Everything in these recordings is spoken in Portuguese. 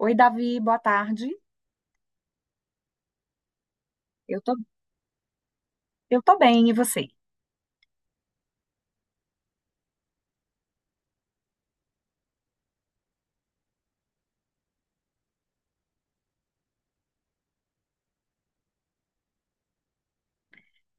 Oi, Davi, boa tarde. Eu tô, eu tô bem, e você?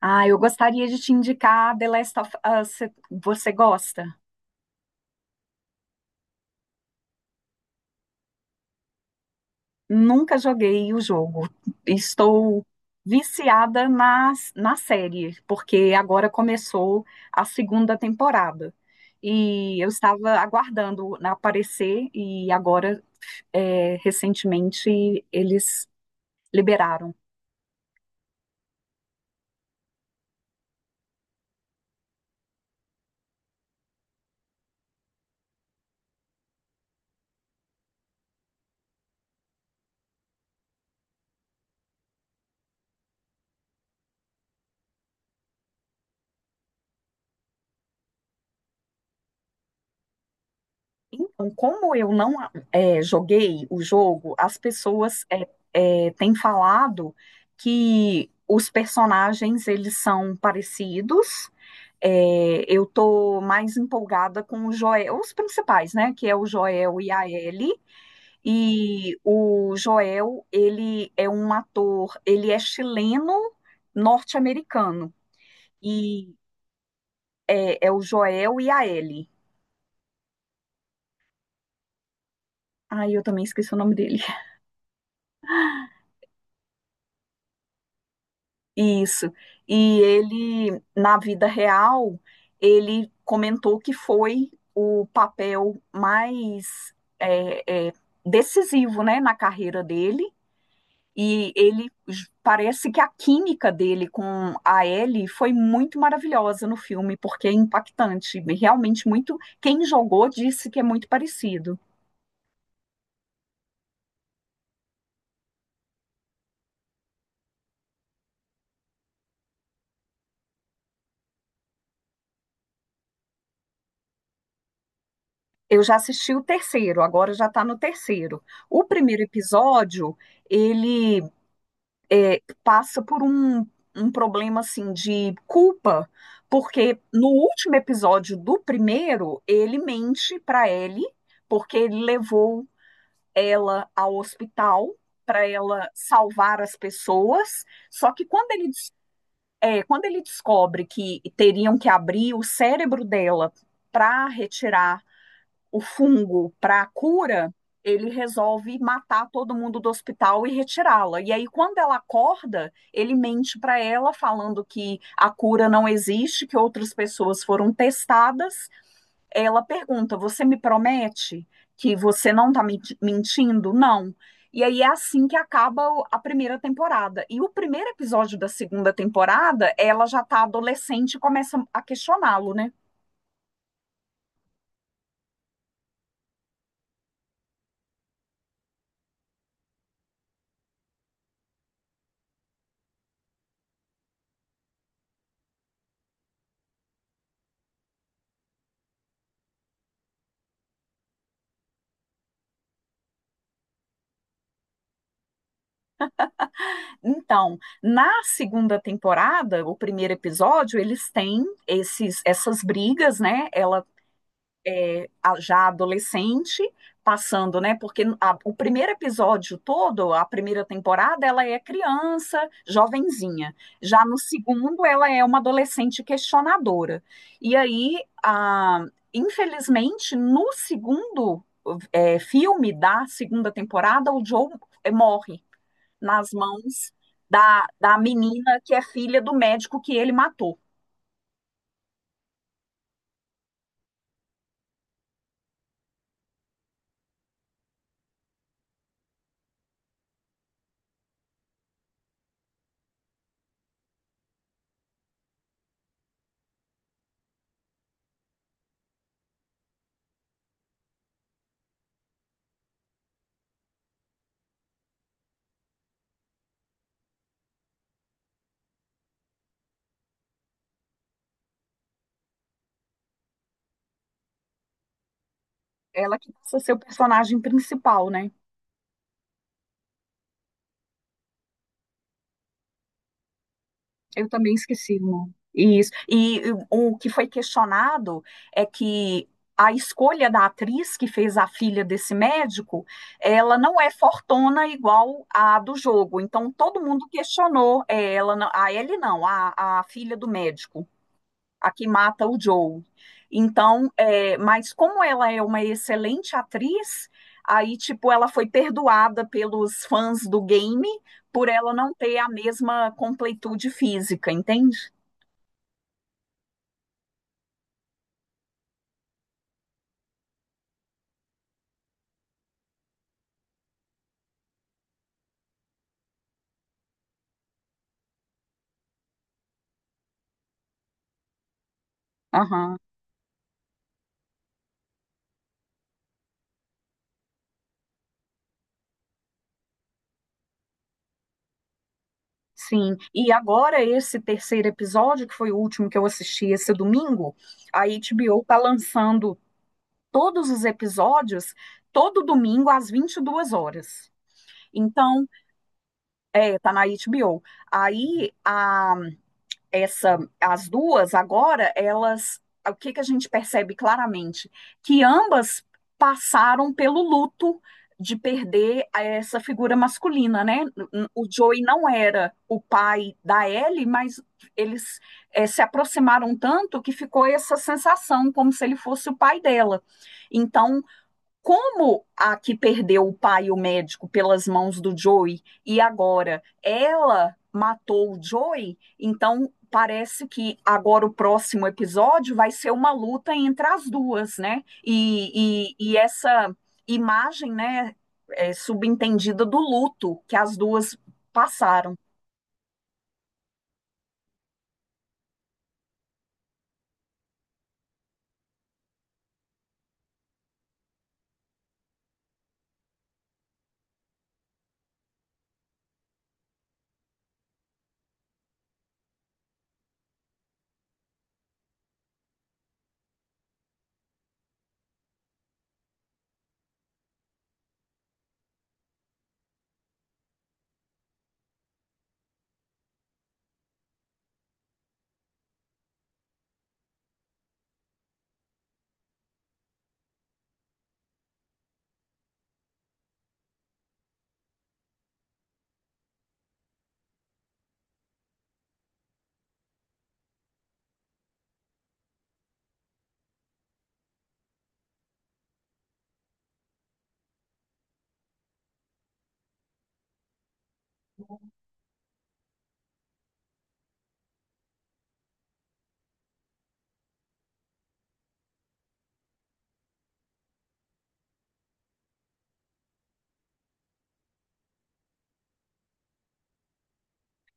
Ah, eu gostaria de te indicar The Last of Us. Você gosta? Nunca joguei o jogo. Estou viciada na série, porque agora começou a segunda temporada. E eu estava aguardando aparecer, e agora, recentemente, eles liberaram. Então, como eu não joguei o jogo, as pessoas têm falado que os personagens eles são parecidos. Eu tô mais empolgada com o Joel, os principais, né? Que é o Joel e a Ellie. E o Joel, ele é um ator, ele é chileno norte-americano. E é o Joel e a Ellie. Ai, eu também esqueci o nome dele. Isso. E ele, na vida real, ele comentou que foi o papel mais é, é, decisivo, né, na carreira dele. E ele parece que a química dele com a Ellie foi muito maravilhosa no filme, porque é impactante. Realmente muito. Quem jogou disse que é muito parecido. Eu já assisti o terceiro, agora já está no terceiro. O primeiro episódio, ele passa por um problema assim de culpa, porque no último episódio do primeiro, ele mente para Ellie, porque ele levou ela ao hospital para ela salvar as pessoas. Só que quando ele descobre que teriam que abrir o cérebro dela para retirar o fungo para a cura, ele resolve matar todo mundo do hospital e retirá-la. E aí, quando ela acorda, ele mente para ela, falando que a cura não existe, que outras pessoas foram testadas. Ela pergunta: Você me promete que você não está mentindo? Não. E aí é assim que acaba a primeira temporada. E o primeiro episódio da segunda temporada, ela já está adolescente e começa a questioná-lo, né? Então, na segunda temporada, o primeiro episódio, eles têm essas brigas, né? Ela já adolescente, passando, né? Porque o primeiro episódio todo, a primeira temporada, ela é criança, jovenzinha. Já no segundo, ela é uma adolescente questionadora. E aí, infelizmente, no segundo, filme da segunda temporada, o Joe, morre nas mãos da menina que é filha do médico que ele matou. Ela que passa a ser o personagem principal, né? Eu também esqueci o nome. Isso. E o que foi questionado é que a escolha da atriz que fez a filha desse médico, ela não é fortona igual a do jogo. Então todo mundo questionou ela, não- a ele não, a filha do médico, a que mata o Joe. Então, mas como ela é uma excelente atriz, aí, tipo, ela foi perdoada pelos fãs do game por ela não ter a mesma completude física, entende? Aham, sim. E agora, esse terceiro episódio, que foi o último que eu assisti esse domingo, a HBO tá lançando todos os episódios todo domingo às 22 horas. Então, tá na HBO. Aí, as duas agora, elas, o que que a gente percebe claramente? Que ambas passaram pelo luto de perder essa figura masculina, né? O Joey não era o pai da Ellie, mas eles se aproximaram tanto que ficou essa sensação como se ele fosse o pai dela. Então, como a que perdeu o pai e o médico pelas mãos do Joey e agora ela matou o Joey, então parece que agora o próximo episódio vai ser uma luta entre as duas, né? E essa imagem, né, é subentendida do luto que as duas passaram.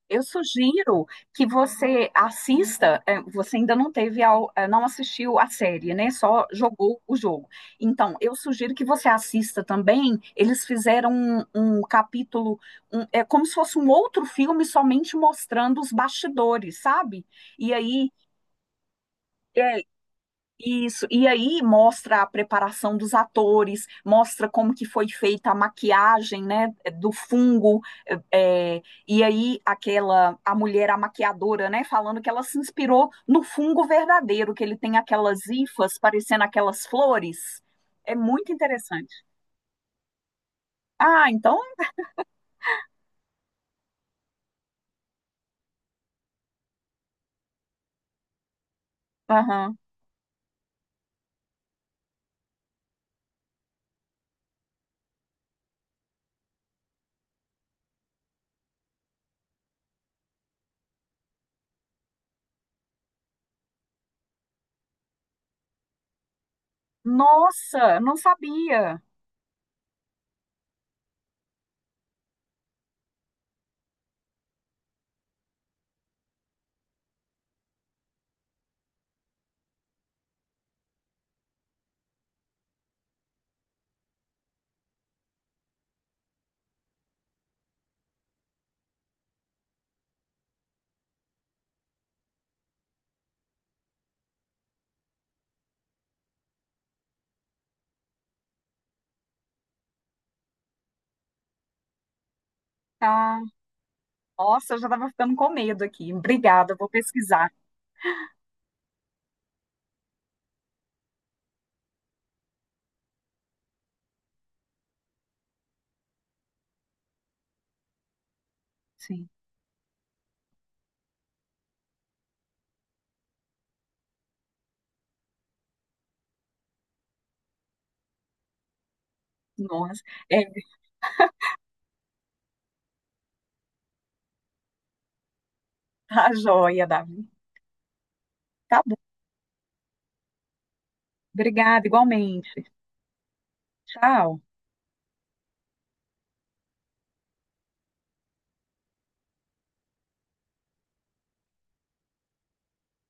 Eu sugiro que você assista. Você ainda não assistiu a série, né? Só jogou o jogo. Então, eu sugiro que você assista também. Eles fizeram um capítulo, é como se fosse um outro filme, somente mostrando os bastidores, sabe? E aí, é, isso, e aí mostra a preparação dos atores, mostra como que foi feita a maquiagem, né, do fungo, e aí a mulher, a maquiadora, né, falando que ela se inspirou no fungo verdadeiro, que ele tem aquelas hifas parecendo aquelas flores, é muito interessante. Ah, então, aham. Nossa, não sabia. Ah, nossa, eu já estava ficando com medo aqui, obrigada, vou pesquisar, sim, nossa, é, tá joia, Davi. Tá, obrigada, igualmente. Tchau.